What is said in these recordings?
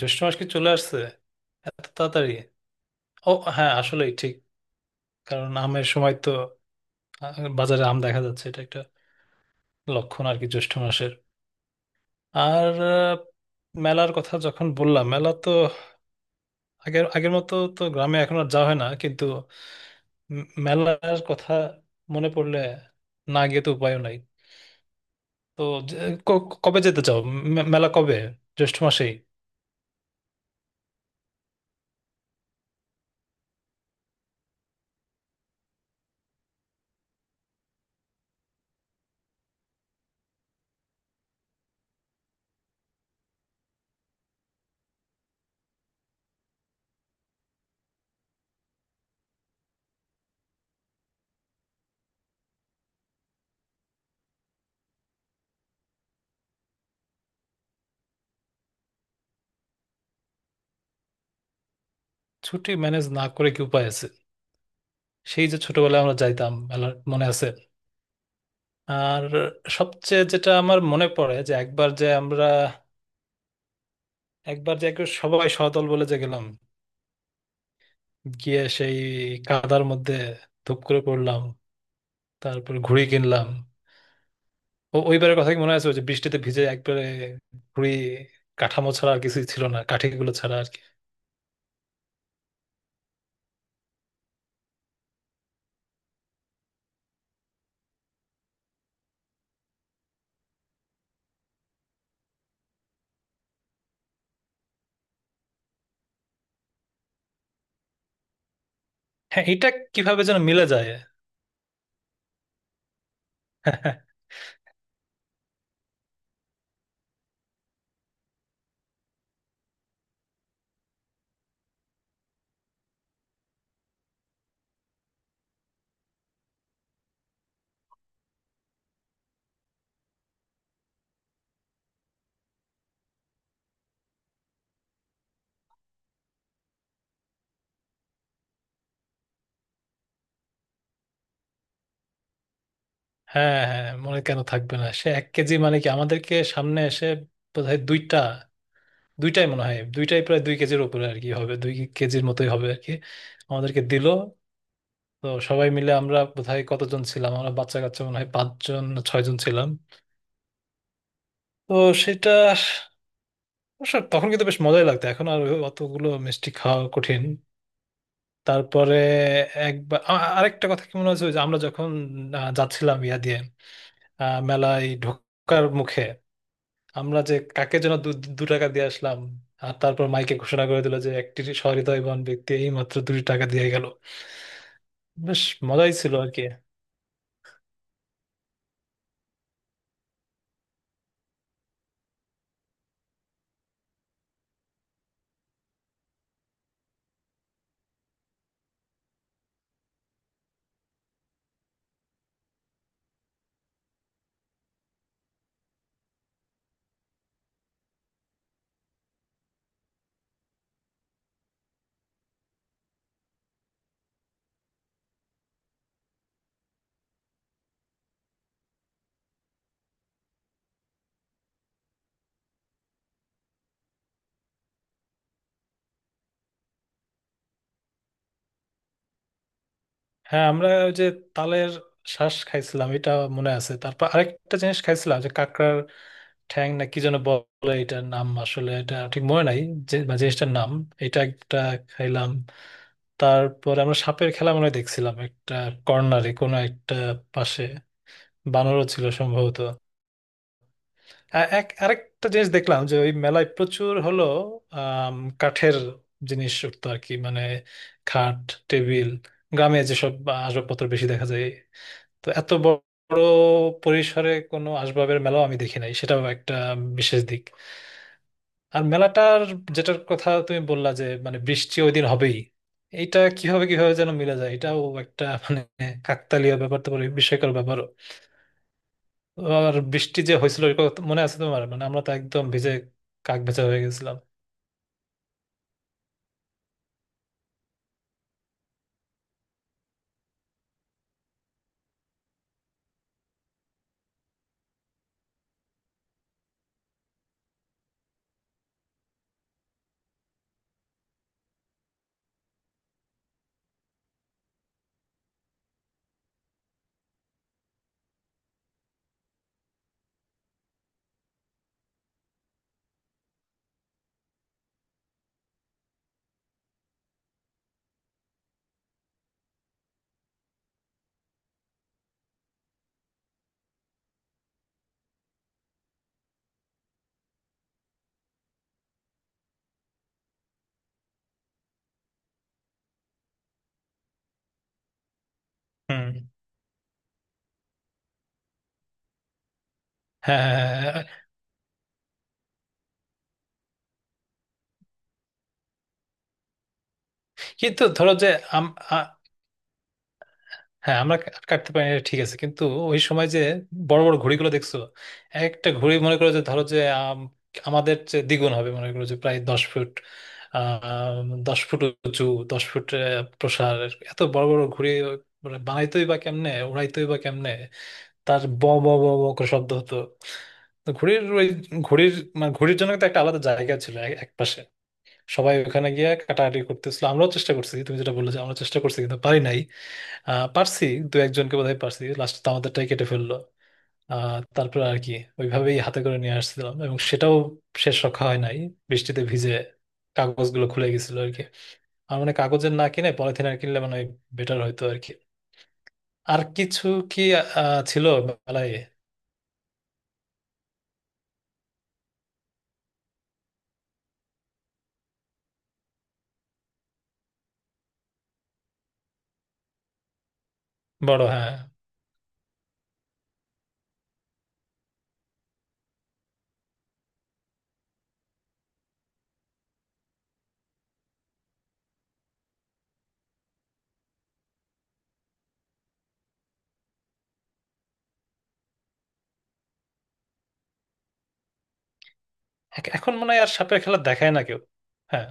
জ্যৈষ্ঠ মাস কি চলে আসছে এত তাড়াতাড়ি? ও হ্যাঁ, আসলেই ঠিক। কারণ আমের সময় তো, বাজারে আম দেখা যাচ্ছে এটা একটা লক্ষণ আর কি জ্যৈষ্ঠ মাসের। আর মেলার কথা যখন বললাম, মেলা তো আগের আগের মতো তো গ্রামে এখন আর যাওয়া হয় না, কিন্তু মেলার কথা মনে পড়লে না গিয়ে তো উপায়ও নাই। তো যে- কবে যেতে চাও? মেলা কবে, জ্যৈষ্ঠ মাসেই? ছুটি ম্যানেজ না করে কি উপায় আছে? সেই যে ছোটবেলায় আমরা যাইতাম মেলার, মনে আছে? আর সবচেয়ে যেটা আমার মনে পড়ে যে একবার যে আমরা একবার যে একে সবাই সদল বলে যে গেলাম, গিয়ে সেই কাদার মধ্যে ধুপ করে পড়লাম, তারপর ঘুড়ি কিনলাম। ও ওইবারের কথা কি মনে আছে, ওই যে বৃষ্টিতে ভিজে একবারে ঘুড়ি কাঠামো ছাড়া আর কিছুই ছিল না, কাঠিগুলো ছাড়া আর কি। হ্যাঁ, এটা কিভাবে যেন মিলে যায়। হ্যাঁ হ্যাঁ, মনে কেন থাকবে না, সে 1 কেজি মানে কি? আমাদেরকে সামনে এসে বোধহয় দুইটা, দুইটাই মনে হয় দুইটাই প্রায় 2 কেজির উপরে আর কি হবে, 2 কেজির মতোই হবে আর কি, আমাদেরকে দিল। তো সবাই মিলে আমরা বোধহয় কতজন ছিলাম, আমরা বাচ্চা কাচ্চা মনে হয় 5 জন না 6 জন ছিলাম। তো সেটা অবশ্য তখন কিন্তু বেশ মজাই লাগতো, এখন আর ওই অতগুলো মিষ্টি খাওয়া কঠিন। তারপরে একবার আরেকটা কথা কি মনে হয়েছে, ওই যে আমরা যখন যাচ্ছিলাম ইয়া দিয়ে মেলায় ঢোকার মুখে, আমরা যে কাকে যেন দু দু টাকা দিয়ে আসলাম, আর তারপর মাইকে ঘোষণা করে দিল যে একটি সহৃদয়বান ব্যক্তি এই মাত্র 2 টাকা দিয়ে গেল। বেশ মজাই ছিল আর কি। হ্যাঁ, আমরা ওই যে তালের শ্বাস খাইছিলাম, এটা মনে আছে। তারপর আরেকটা জিনিস খাইছিলাম যে কাঁকড়ার ঠ্যাং না কি যেন বলে, এটার নাম আসলে এটা ঠিক মনে নাই, যে বা জিনিসটার নাম। এটা একটা খাইলাম। তারপর আমরা সাপের খেলা মনে হয় দেখছিলাম একটা কর্নারে, কোনো একটা পাশে বানরও ছিল সম্ভবত। আ- এক আরেকটা জিনিস দেখলাম যে ওই মেলায় প্রচুর হলো আম, কাঠের জিনিস উঠতো আর কি, মানে খাট, টেবিল, গ্রামে যেসব আসবাবপত্র বেশি দেখা যায়। তো এত বড় পরিসরে কোনো আসবাবের মেলাও আমি দেখি নাই, সেটাও একটা বিশেষ দিক। আর মেলাটার যেটার কথা তুমি বললা যে মানে বৃষ্টি ওই দিন হবেই, এইটা কিভাবে কিভাবে যেন মিলে যায়, এটাও একটা মানে কাকতালীয় ব্যাপার তো বলে, বিস্ময়কর ব্যাপার। আর বৃষ্টি যে হয়েছিল ওই কথা মনে আছে তোমার? মানে আমরা তো একদম ভিজে কাক ভেজা হয়ে গেছিলাম। হুম। হ্যাঁ হ্যাঁ, হ্যাঁ, হ্যাঁ। কিন্তু ধরো যে আম- আ- হ্যাঁ, আমরা কাটতে পারি না, ঠিক আছে, কিন্তু ওই সময় যে বড় বড় ঘুড়িগুলো দেখছো, একটা ঘুড়ি মনে করো যে ধরো যে আমাদের যে দ্বিগুণ হবে, মনে করো যে প্রায় 10 ফুট, আহ 10 ফুট উঁচু, 10 ফুট প্রসার। এত বড় বড় ঘুড়ি মানে বানাইতোই বা কেমনে, উড়াইতোই বা কেমনে, তার ব ব ব ব করে শব্দ হতো। তো ঘুড়ির ওই ঘুড়ির মানে ঘুড়ির জন্য তো একটা আলাদা জায়গা ছিল এক এক পাশে, সবাই ওখানে গিয়ে কাটাকাটি করতেছিল। আমরাও চেষ্টা করছি, তুমি যেটা বললে যে আমরা চেষ্টা করছি কিন্তু পারি নাই। পারছি, দু একজনকে বোধহয় পারছি, লাস্ট তো আমাদেরটাই কেটে ফেললো। তারপর আর কি ওইভাবেই হাতে করে নিয়ে আসছিলাম, এবং সেটাও শেষ রক্ষা হয় নাই। বৃষ্টিতে ভিজে কাগজগুলো খুলে গেছিল আর কি। আর মানে কাগজের না কিনে পলিথিন আর কিনলে মানে বেটার হয়তো আর কি। আর কিছু কি ছিল মেলায়? বড়, হ্যাঁ। এখন মনে হয় আর সাপের খেলা দেখায় না কেউ। হ্যাঁ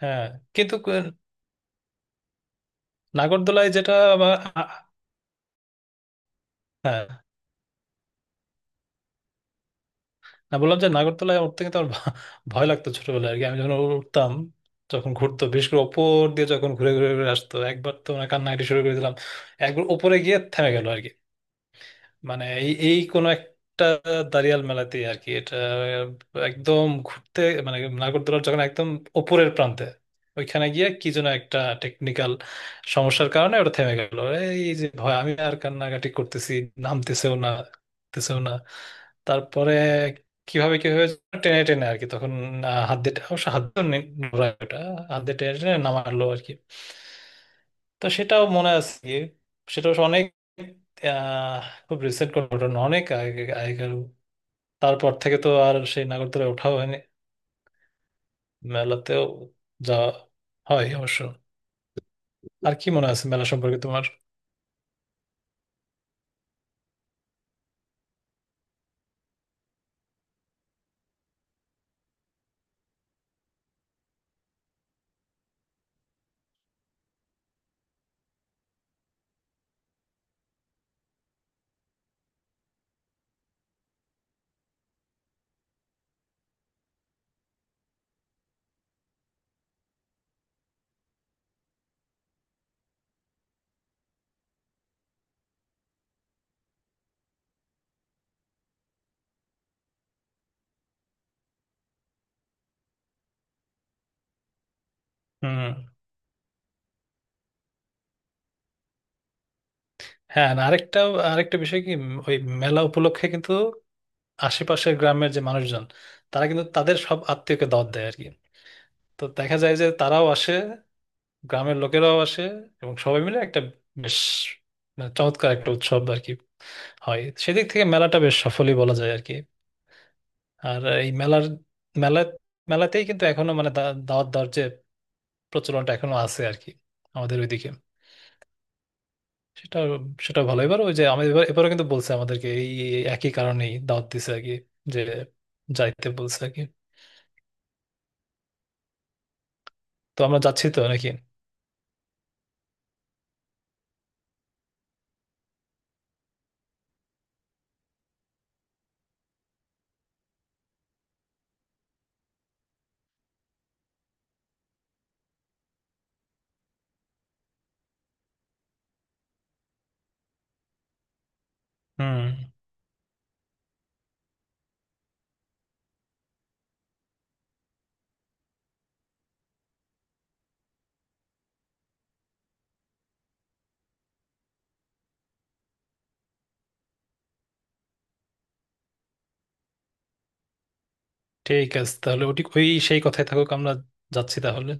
হ্যাঁ। কিন্তু নাগরদোলায় যেটা বা- আ- আ- হ্যাঁ, না, বললাম যে নাগরদোলায় উঠতে কিন্তু আমার ভয় লাগতো ছোটবেলায় আর কি। আমি যখন উঠতাম, যখন ঘুরতো, বিশেষ করে ওপর দিয়ে যখন ঘুরে ঘুরে ঘুরে আসতো, একবার তো মানে কান্নাকাটি শুরু করে দিলাম। একবার ওপরে গিয়ে থেমে গেল আর কি, মানে এই এই কোনো একটা দাঁড়িয়াল মেলাতে আর কি। এটা একদম ঘুরতে মানে নাগরদোলার যখন একদম ওপরের প্রান্তে ওইখানে গিয়ে কি যেন একটা টেকনিক্যাল সমস্যার কারণে ওটা থেমে গেল। এই যে ভয় আমি আর কান্নাকাটি করতেছি, নামতেছেও না, নামতেছেও না। তারপরে কিভাবে কি হয়েছে, টেনে টেনে আর কি তখন আহ, হাত দিয়ে অবশ্য হাত দিয়ে নি- ওটা হাত দিয়ে টেনে টেনে নামালো আর কি। তো সেটাও মনে আছে গিয়ে। সেটা অবশ্য অনেক আহ, খুব রিসেন্ট কোনো ঘটনা, অনেক আগে আগেকার। তারপর থেকে তো আর সেই নাগরদোলায় ওঠাও হয়নি, মেলাতেও যাওয়া হয় অবশ্য। আর কি মনে আছে মেলা সম্পর্কে তোমার? হুম। হ্যাঁ, না, আরেকটা আরেকটা বিষয় কি ওই মেলা উপলক্ষে কিন্তু আশেপাশের গ্রামের যে মানুষজন, তারা কিন্তু তাদের সব আত্মীয়কে দাওয়াত দেয় আর কি। তো দেখা যায় যে তারাও আসে, গ্রামের লোকেরাও আসে, এবং সবাই মিলে একটা বেশ মানে চমৎকার একটা উৎসব আর কি হয়। সেদিক থেকে মেলাটা বেশ সফলই বলা যায় আর কি। আর এই মেলার মেলা মেলাতেই কিন্তু এখনো মানে দাওয়াত দেওয়ার যে প্রচলনটা এখনো আছে আর কি আমাদের ওইদিকে। সেটা সেটা ভালো। এবার ওই যে আমি এবারও কিন্তু বলছে আমাদেরকে, এই এই একই কারণেই দাওয়াত দিছে আর কি, যে যাইতে বলছে আর কি। তো আমরা যাচ্ছি তো, নাকি? হুম। ঠিক আছে, তাহলে ওটি ওই সেই কথাই থাকুক, আমরা যাচ্ছি তাহলে।